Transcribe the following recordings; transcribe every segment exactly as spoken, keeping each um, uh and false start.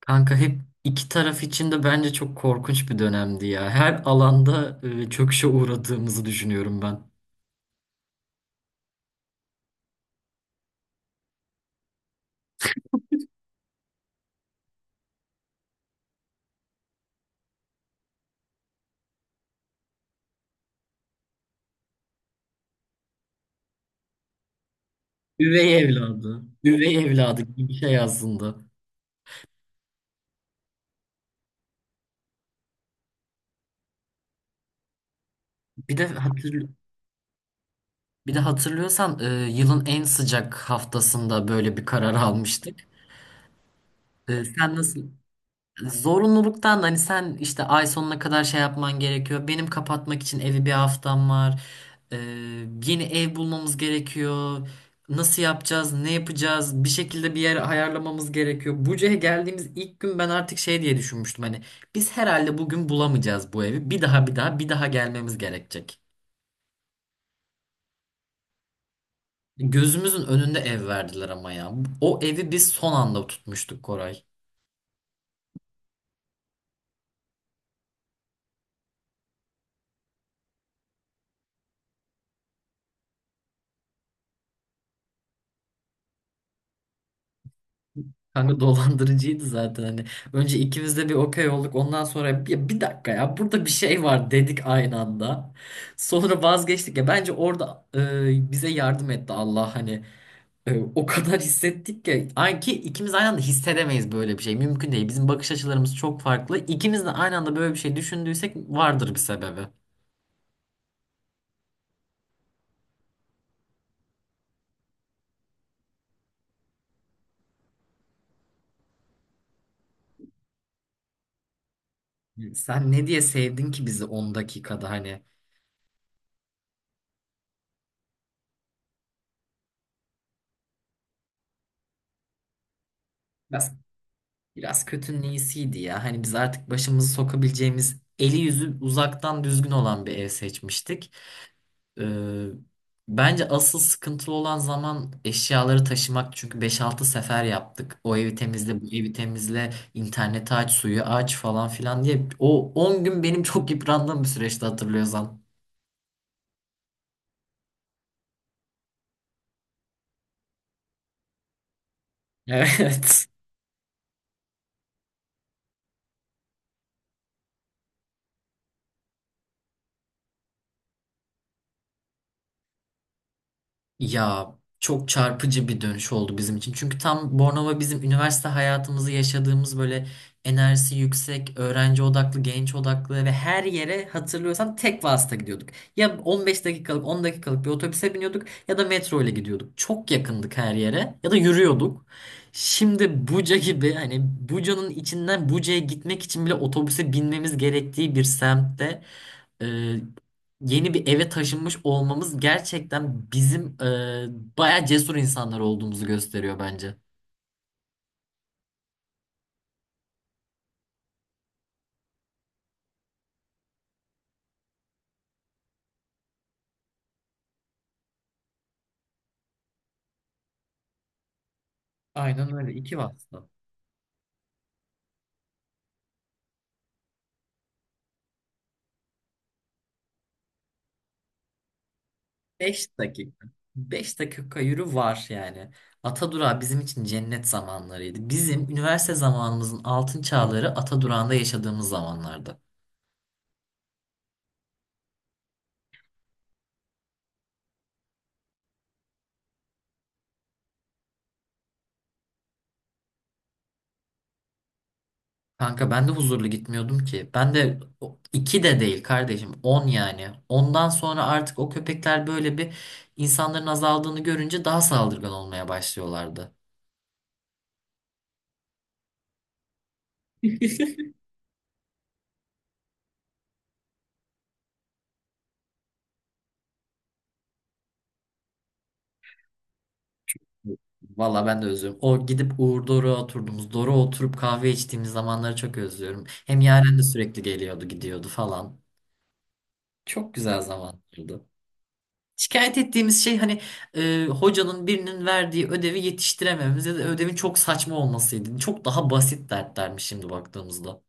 Kanka hep iki taraf için de bence çok korkunç bir dönemdi ya. Her alanda e, çöküşe uğradığımızı düşünüyorum ben. Üvey evladı, üvey evladı gibi bir şey aslında. Bir de hatırl bir de hatırlıyorsan e, yılın en sıcak haftasında böyle bir karar almıştık. E, sen nasıl Zorunluluktan da hani sen işte ay sonuna kadar şey yapman gerekiyor. Benim kapatmak için evi bir haftam var. Ee, yeni ev bulmamız gerekiyor. Nasıl yapacağız? Ne yapacağız? Bir şekilde bir yer ayarlamamız gerekiyor. Buca'ya geldiğimiz ilk gün ben artık şey diye düşünmüştüm. Hani biz herhalde bugün bulamayacağız bu evi. Bir daha bir daha bir daha gelmemiz gerekecek. Gözümüzün önünde ev verdiler ama ya. O evi biz son anda tutmuştuk Koray. Kanka dolandırıcıydı zaten hani. Önce ikimiz de bir okey olduk. Ondan sonra bir, bir dakika ya burada bir şey var dedik aynı anda. Sonra vazgeçtik ya. Bence orada e, bize yardım etti Allah hani. E, o kadar hissettik ki. Ay ki ikimiz aynı anda hissedemeyiz böyle bir şey. Mümkün değil. Bizim bakış açılarımız çok farklı. İkimiz de aynı anda böyle bir şey düşündüysek vardır bir sebebi. Sen ne diye sevdin ki bizi on dakikada hani? Ya, biraz kötünün iyisiydi ya. Hani biz artık başımızı sokabileceğimiz eli yüzü uzaktan düzgün olan bir ev seçmiştik. Ee, bence asıl sıkıntılı olan zaman eşyaları taşımak. Çünkü beş altı sefer yaptık. O evi temizle, bu evi temizle, interneti aç, suyu aç falan filan diye. O on gün benim çok yıprandığım bir süreçti hatırlıyorsan. Evet. Ya, çok çarpıcı bir dönüş oldu bizim için. Çünkü tam Bornova bizim üniversite hayatımızı yaşadığımız böyle enerjisi yüksek, öğrenci odaklı, genç odaklı ve her yere hatırlıyorsan tek vasıta gidiyorduk. Ya on beş dakikalık, on dakikalık bir otobüse biniyorduk ya da metro ile gidiyorduk. Çok yakındık her yere ya da yürüyorduk. Şimdi Buca gibi hani Buca'nın içinden Buca'ya gitmek için bile otobüse binmemiz gerektiği bir semtte e, yeni bir eve taşınmış olmamız gerçekten bizim e, bayağı cesur insanlar olduğumuzu gösteriyor bence. Aynen öyle. İki vasıta. Beş dakika. Beş dakika yürü var yani. Atadurağı bizim için cennet zamanlarıydı. Bizim üniversite zamanımızın altın çağları Atadurağı'nda yaşadığımız zamanlardı. Kanka ben de huzurlu gitmiyordum ki. Ben de o- iki de değil kardeşim. On yani. Ondan sonra artık o köpekler böyle bir insanların azaldığını görünce daha saldırgan olmaya başlıyorlardı. Valla ben de özlüyorum. O gidip Uğur Doruk'a oturduğumuz, Doruk'a oturup kahve içtiğimiz zamanları çok özlüyorum. Hem Yaren de sürekli geliyordu, gidiyordu falan. Çok güzel zamanlardı. Şikayet ettiğimiz şey hani e, hocanın birinin verdiği ödevi yetiştiremememiz ya da ödevin çok saçma olmasıydı. Çok daha basit dertlermiş şimdi baktığımızda.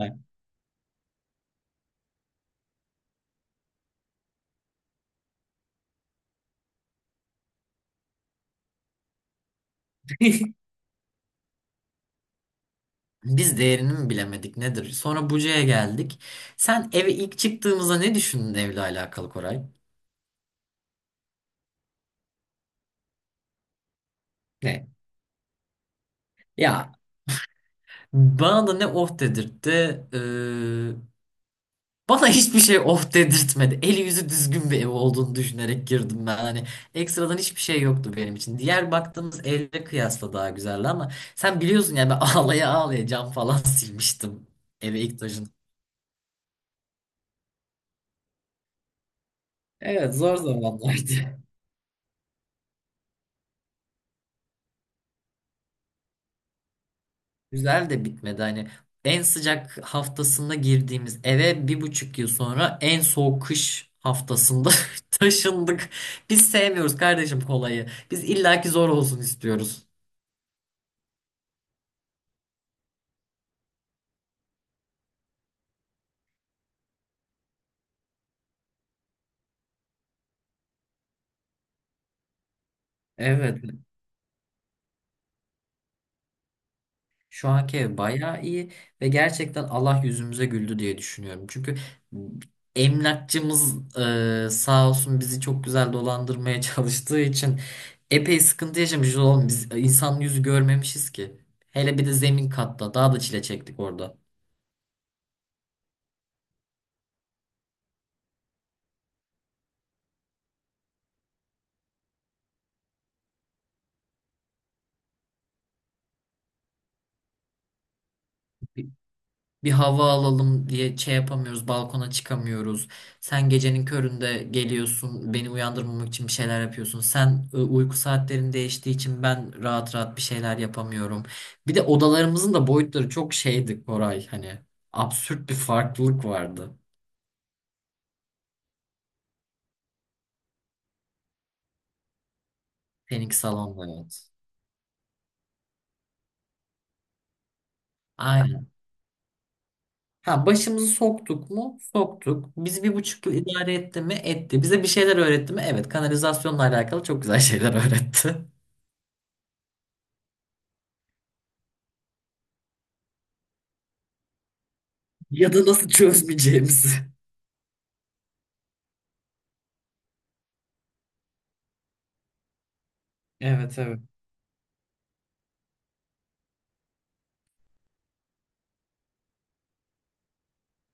Evet. Biz değerini mi bilemedik nedir? Sonra Buca'ya geldik. Sen eve ilk çıktığımızda ne düşündün evle alakalı Koray? Ne? Ya, bana da ne oh dedirtti. Ee, Bana hiçbir şey of dedirtmedi. Eli yüzü düzgün bir ev olduğunu düşünerek girdim ben. Hani ekstradan hiçbir şey yoktu benim için. Diğer baktığımız evle kıyasla daha güzeldi ama sen biliyorsun yani ben ağlaya ağlaya cam falan silmiştim eve ilk taşın. Evet, zor zamanlardı. Güzel de bitmedi. Hani en sıcak haftasında girdiğimiz eve bir buçuk yıl sonra en soğuk kış haftasında taşındık. Biz sevmiyoruz kardeşim kolayı. Biz illaki zor olsun istiyoruz. Evet. Şu anki ev bayağı iyi ve gerçekten Allah yüzümüze güldü diye düşünüyorum. Çünkü emlakçımız e, sağ olsun bizi çok güzel dolandırmaya çalıştığı için epey sıkıntı yaşamışız oğlum. Biz insan yüzü görmemişiz ki. Hele bir de zemin katta daha da çile çektik orada. Bir hava alalım diye şey yapamıyoruz, balkona çıkamıyoruz. Sen gecenin köründe geliyorsun, beni uyandırmamak için bir şeyler yapıyorsun. Sen e, uyku saatlerin değiştiği için ben rahat rahat bir şeyler yapamıyorum. Bir de odalarımızın da boyutları çok şeydi Koray hani absürt bir farklılık vardı. Seninki salonda, evet. Aynen. Ha, başımızı soktuk mu? Soktuk. Bizi bir buçuk yıl idare etti mi? Etti. Bize bir şeyler öğretti mi? Evet. Kanalizasyonla alakalı çok güzel şeyler öğretti. Ya da nasıl çözmeyeceğimizi. Evet, evet.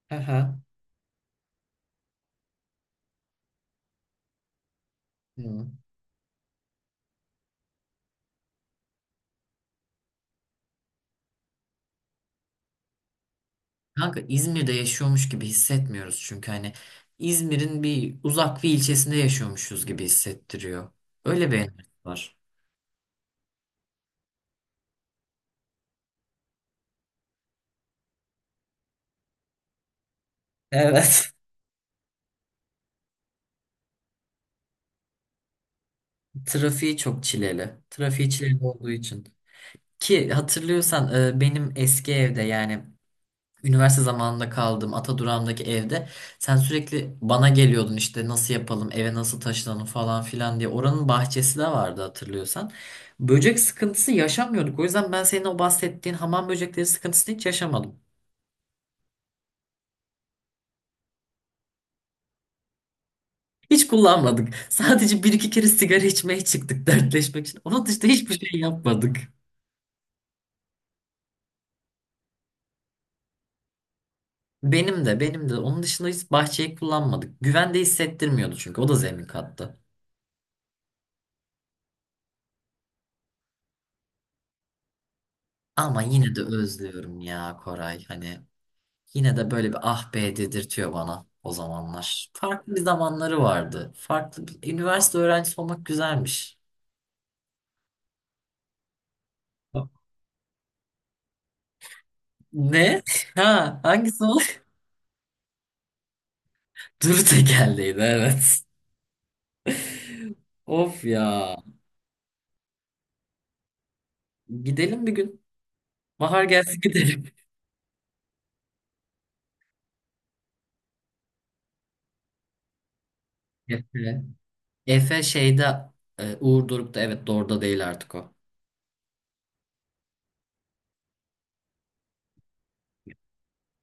Hı hı. Hı. Kanka İzmir'de yaşıyormuş gibi hissetmiyoruz çünkü hani İzmir'in bir uzak bir ilçesinde yaşıyormuşuz gibi hissettiriyor. Öyle bir enerji var. Evet. Trafiği çok çileli. Trafiği çileli olduğu için. Ki hatırlıyorsan e, benim eski evde yani üniversite zamanında kaldığım Atadurağım'daki evde sen sürekli bana geliyordun işte nasıl yapalım eve nasıl taşınalım falan filan diye. Oranın bahçesi de vardı hatırlıyorsan. Böcek sıkıntısı yaşamıyorduk. O yüzden ben senin o bahsettiğin hamam böcekleri sıkıntısını hiç yaşamadım. Hiç kullanmadık. Sadece bir iki kere sigara içmeye çıktık dertleşmek için. Onun dışında hiçbir şey yapmadık. Benim de, benim de. Onun dışında hiç bahçeyi kullanmadık. Güvende hissettirmiyordu çünkü o da zemin kattı. Ama yine de özlüyorum ya Koray. Hani yine de böyle bir ah be dedirtiyor bana o zamanlar. Farklı bir zamanları vardı. Farklı bir üniversite öğrencisi olmak güzelmiş. Ne? Ha, hangisi o? Duru tekerleğiydi, evet. Of ya. Gidelim bir gün. Bahar gelsin gidelim. Efe. Efe şeyde e, Uğur Doruk'ta, evet, Dor'da değil artık o.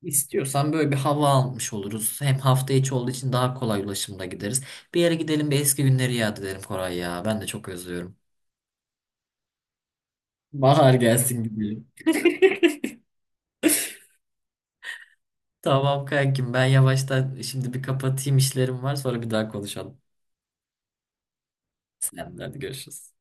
İstiyorsan böyle bir hava almış oluruz. Hem hafta içi olduğu için daha kolay ulaşımda gideriz. Bir yere gidelim, bir eski günleri yad edelim Koray ya. Ben de çok özlüyorum. Bahar gelsin gibi. Tamam kankim, ben yavaştan şimdi bir kapatayım, işlerim var, sonra bir daha konuşalım. Selamlar, hadi görüşürüz.